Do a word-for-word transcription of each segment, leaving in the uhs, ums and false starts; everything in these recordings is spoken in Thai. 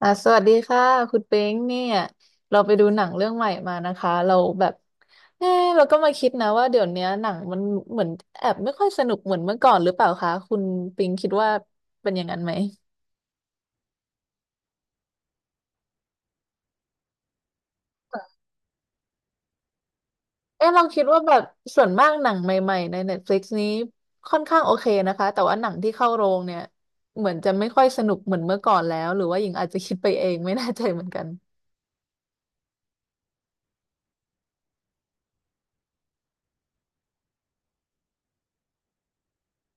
อ่าสวัสดีค่ะคุณเป้งเนี่ยเราไปดูหนังเรื่องใหม่มานะคะเราแบบเออเราก็มาคิดนะว่าเดี๋ยวเนี้ยหนังมันเหมือนแอบไม่ค่อยสนุกเหมือนเมื่อก่อนหรือเปล่าคะคุณปิงคิดว่าเป็นอย่างนั้นไหมเออเราคิดว่าแบบส่วนมากหนังใหม่ๆใน n e ลิก i x นี้ค่อนข้างโอเคนะคะแต่ว่าหนังที่เข้าโรงเนี่ยเหมือนจะไม่ค่อยสนุกเหมือนเมื่อก่อนแล้วหรือว่าหญิงอาจจะคิดไปเองไม่แน่ใจเหมือนกัน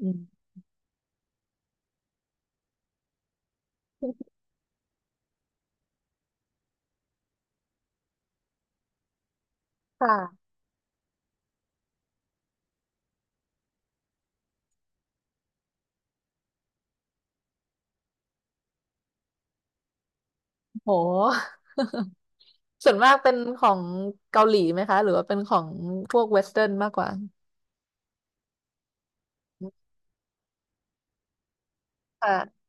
อืมค่ะโห ส่วนมากเป็นของเกาหลีไหมคะหรือว่าเป็นของพวกเวสเทิร์นมากกว่าค่ะ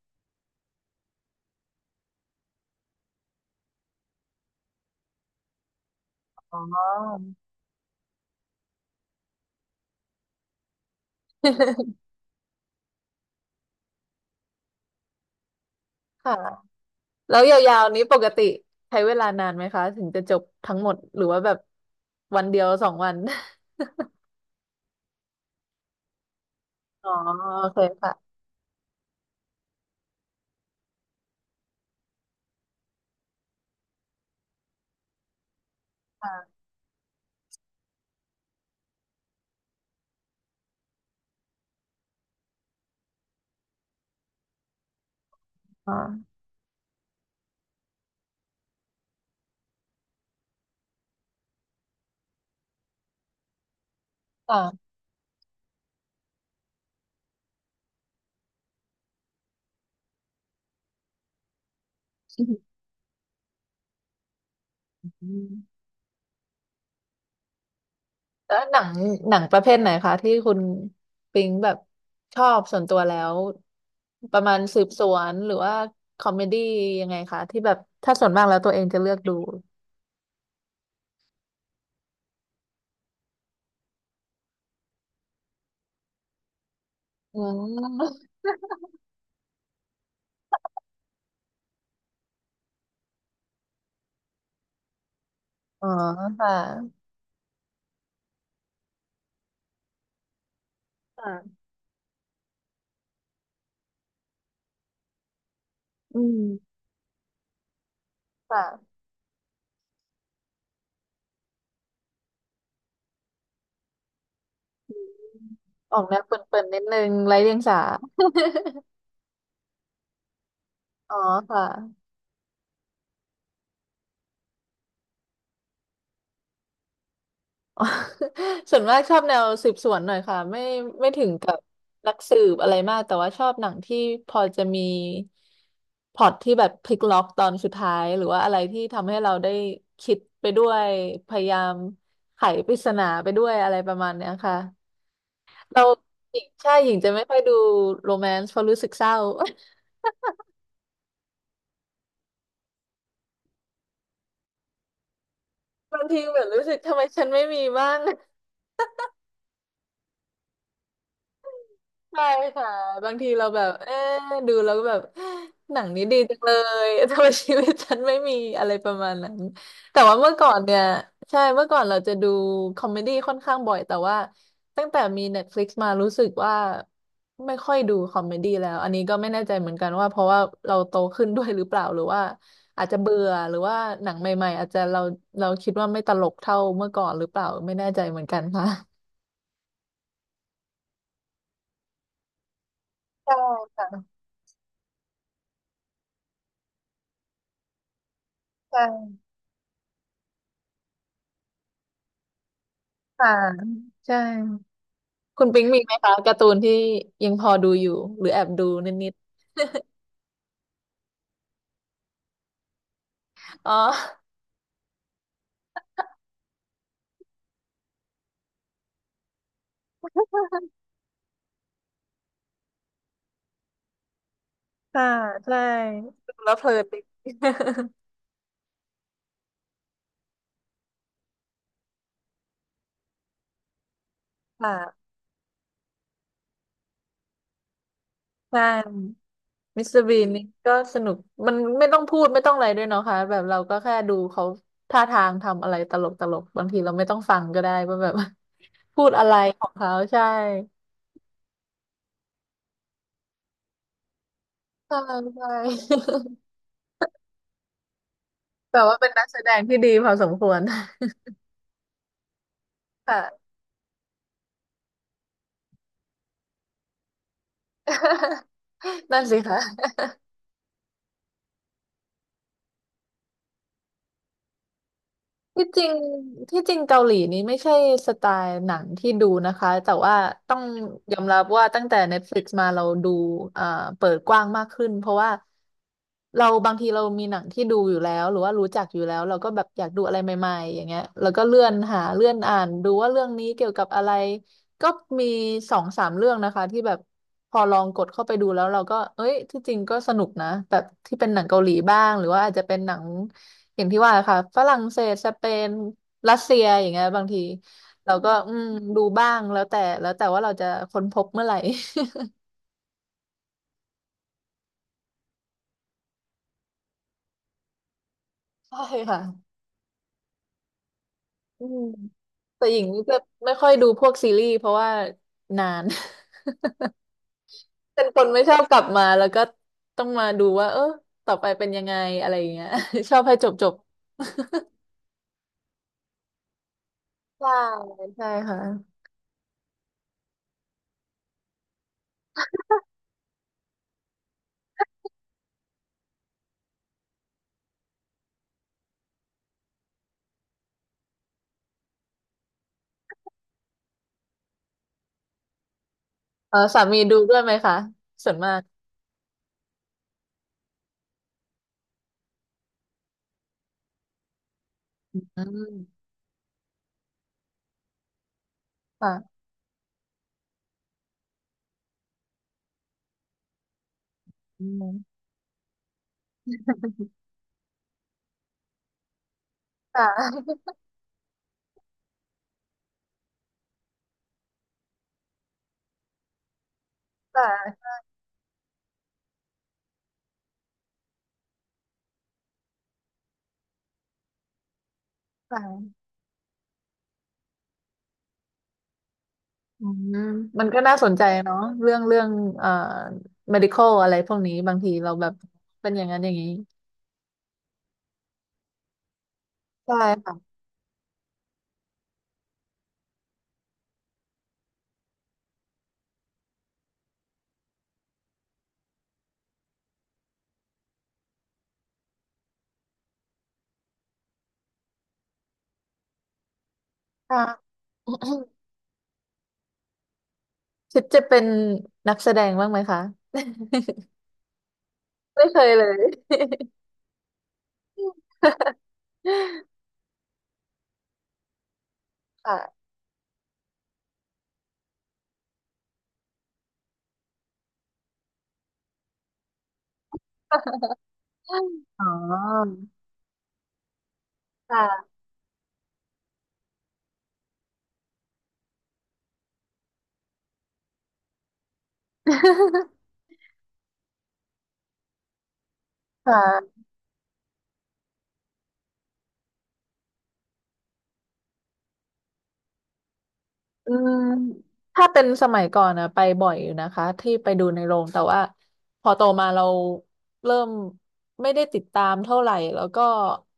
อ๋อค่ะแล้วยาวๆนี้ปกติใช้เวลานานไหมคะถึงจะจบทั้งหมดหรือว่าแบบวันเดียวสองวัน อ๋อโอเคค่ะค่ะอ๋อค่ะ อืมแล้วหนังหนังประเภทไหนคะที่คุณปิงแบบชอบส่วนตัวแล้วประมาณสืบสวนหรือว่าคอมเมดี้ยังไงคะที่แบบถ้าส่วนมากแล้วตัวเองจะเลือกดู อืมอ๋อค่ะค่ะอืมค่ะออกแนวเปิ่นๆนิดนึงไร้เดียงสาอ๋อค่ะ อ๋อ ส่วนมากชอบแนวสืบสวนหน่อยค่ะ ไม่ไม่ถึงกับนักสืบอะไรมาก แต่ว่าชอบหนังที่พอจะมีพล็อตที่แบบพลิกล็อกตอนสุดท้ายหรือว่าอะไรที่ทำให้เราได้คิดไปด้วย พยายามไขปริศนาไปด้วยอะไรประมาณเนี้ยค่ะเราหญิงใช่หญิงจะไม่ค่อยดูโรแมนต์เพราะรู้สึกเศร้า บางทีแบบรู้สึกทำไมฉันไม่มีบ้าง ใช่ค่ะบางทีเราแบบเอ๊ะดูแล้วก็แบบหนังนี้ดีจังเลย ทำไมชีวิตฉันไม่มีอะไรประมาณนั้นแต่ว่าเมื่อก่อนเนี่ยใช่เมื่อก่อนเราจะดูคอมเมดี้ค่อนข้างบ่อยแต่ว่าตั้งแต่มี Netflix มารู้สึกว่าไม่ค่อยดูคอมเมดี้แล้วอันนี้ก็ไม่แน่ใจเหมือนกันว่าเพราะว่าเราโตขึ้นด้วยหรือเปล่าหรือว่าอาจจะเบื่อหรือว่าหนังใหม่ๆอาจจะเราเราคิดว่าไม่ตลกเท่าเมื่อก่อนหรือเปล่าไม่แน่ใจเหมือนกันค่ะ ใช่ค่ะใช่ค่ะ ใช่ คุณปิงมีไหมคะการ์ตูนที่ยังพอดูอยู่หรือแอบดูนิดๆอ๋อค่ะใช่ ดูแล้วเพลินดี ค่ะ ใช่มิสเตอร์บีนนี่ก็สนุกมันไม่ต้องพูดไม่ต้องอะไรด้วยเนาะค่ะแบบเราก็แค่ดูเขาท่าทางทำอะไรตลกตลกบางทีเราไม่ต้องฟังก็ได้ว่าแบบ พูดอะไรของเขาใช่ ใช่ ใช่ แต่ว่าเป็นนักแสดงที่ดีพอสมควรค่ะ นั่นสิคะ ที่จริงที่จริงเกาหลีนี้ไม่ใช่สไตล์หนังที่ดูนะคะแต่ว่าต้องยอมรับว่าตั้งแต่ Netflix มาเราดูเอ่อเปิดกว้างมากขึ้นเพราะว่าเราบางทีเรามีหนังที่ดูอยู่แล้วหรือว่ารู้จักอยู่แล้วเราก็แบบอยากดูอะไรใหม่ๆอย่างเงี้ยแล้วก็เลื่อนหาเลื่อนอ่านดูว่าเรื่องนี้เกี่ยวกับอะไรก็มีสองสามเรื่องนะคะที่แบบพอลองกดเข้าไปดูแล้วเราก็เอ้ยที่จริงก็สนุกนะแบบที่เป็นหนังเกาหลีบ้างหรือว่าอาจจะเป็นหนัง อย่างที่ว่าค่ะฝรั่งเศสสเปนรัสเซียอย่างเงี้ยบางทีเราก็อืมดูบ้างแล้วแต่แล้วแต่ว่าเราจะค้นพบเมื่อไหร่ ใช่ค่ะอืมแต่หญิงจะไม่ค่อยดูพวกซีรีส์เพราะว่านาน เป็นคนไม่ชอบกลับมาแล้วก็ต้องมาดูว่าเออต่อไปเป็นยังไงอะไรอย่างเงี้ย ชอบให้จบจบ ใช่ใช่ค่ะเออสามีดูด้วยไหมคะส่วนมากอืมค่ะอืมค่ะ ค่ะค่ะ อืมมันก็น่าสนใจเนาะเรื่องเรื่องเอ่อ medical อะไรพวกนี้บางทีเราแบบเป็นอย่างนั้นอย่างนี้ใช่ค่ะค่ะ คิดจะเป็นนักแสดงบ้างไหมคะ ไม่เคยเลย ค่ะ อ๋อค่ะ ค่ะ อืมถ้าเป็นสมัยก่อนนะไปบ่อยอยู่นะคะที่ไปดูในโรงแต่ว่าพอโตมาเราเริ่มไม่ได้ติดตามเท่าไหร่แล้วก็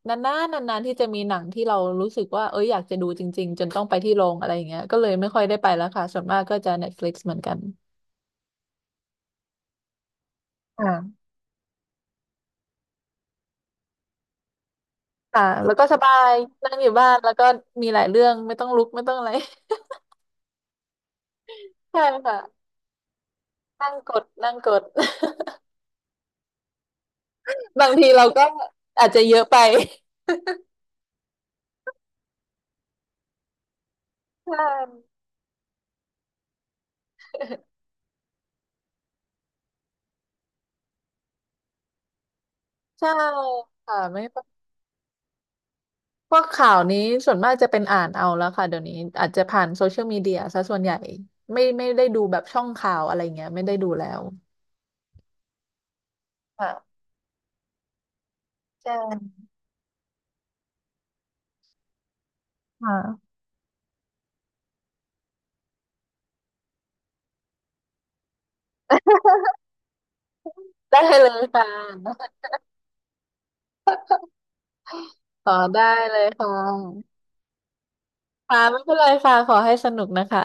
นานๆนานๆที่จะมีหนังที่เรารู้สึกว่าเอ้ยอยากจะดูจริงๆจนต้องไปที่โรงอะไรอย่างเงี้ยก็เลยไม่ค่อยได้ไปแล้วค่ะส่วนมากก็จะเน็ตฟ t ิกซ์เหมือนกันอ่าค่ะแล้วก็สบายนั่งอยู่บ้านแล้วก็มีหลายเรื่องไม่ต้องลุกไม่ต้องอะไร ใช่ค่ะนั่งกดนั่งกด บางทีเราก็อาจจะเยอะไป ใช่ ใช่ค่ะไม่พวกข่าวนี้ส่วนมากจะเป็นอ่านเอาแล้วค่ะเดี๋ยวนี้อาจจะผ่านโซเชียลมีเดียซะส่วนใหญ่ไม่ไม่ได้ดูแบบช่องข่าวอะไรเงี้ยไม่ได้ดูแล้วค่ะใช่ค่ะได้เลยค่ะขอได้เลยค่ะค่ะไม่เป็นไรค่ะขอให้สนุกนะคะ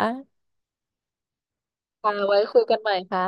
ค่ะไว้คุยกันใหม่ค่ะ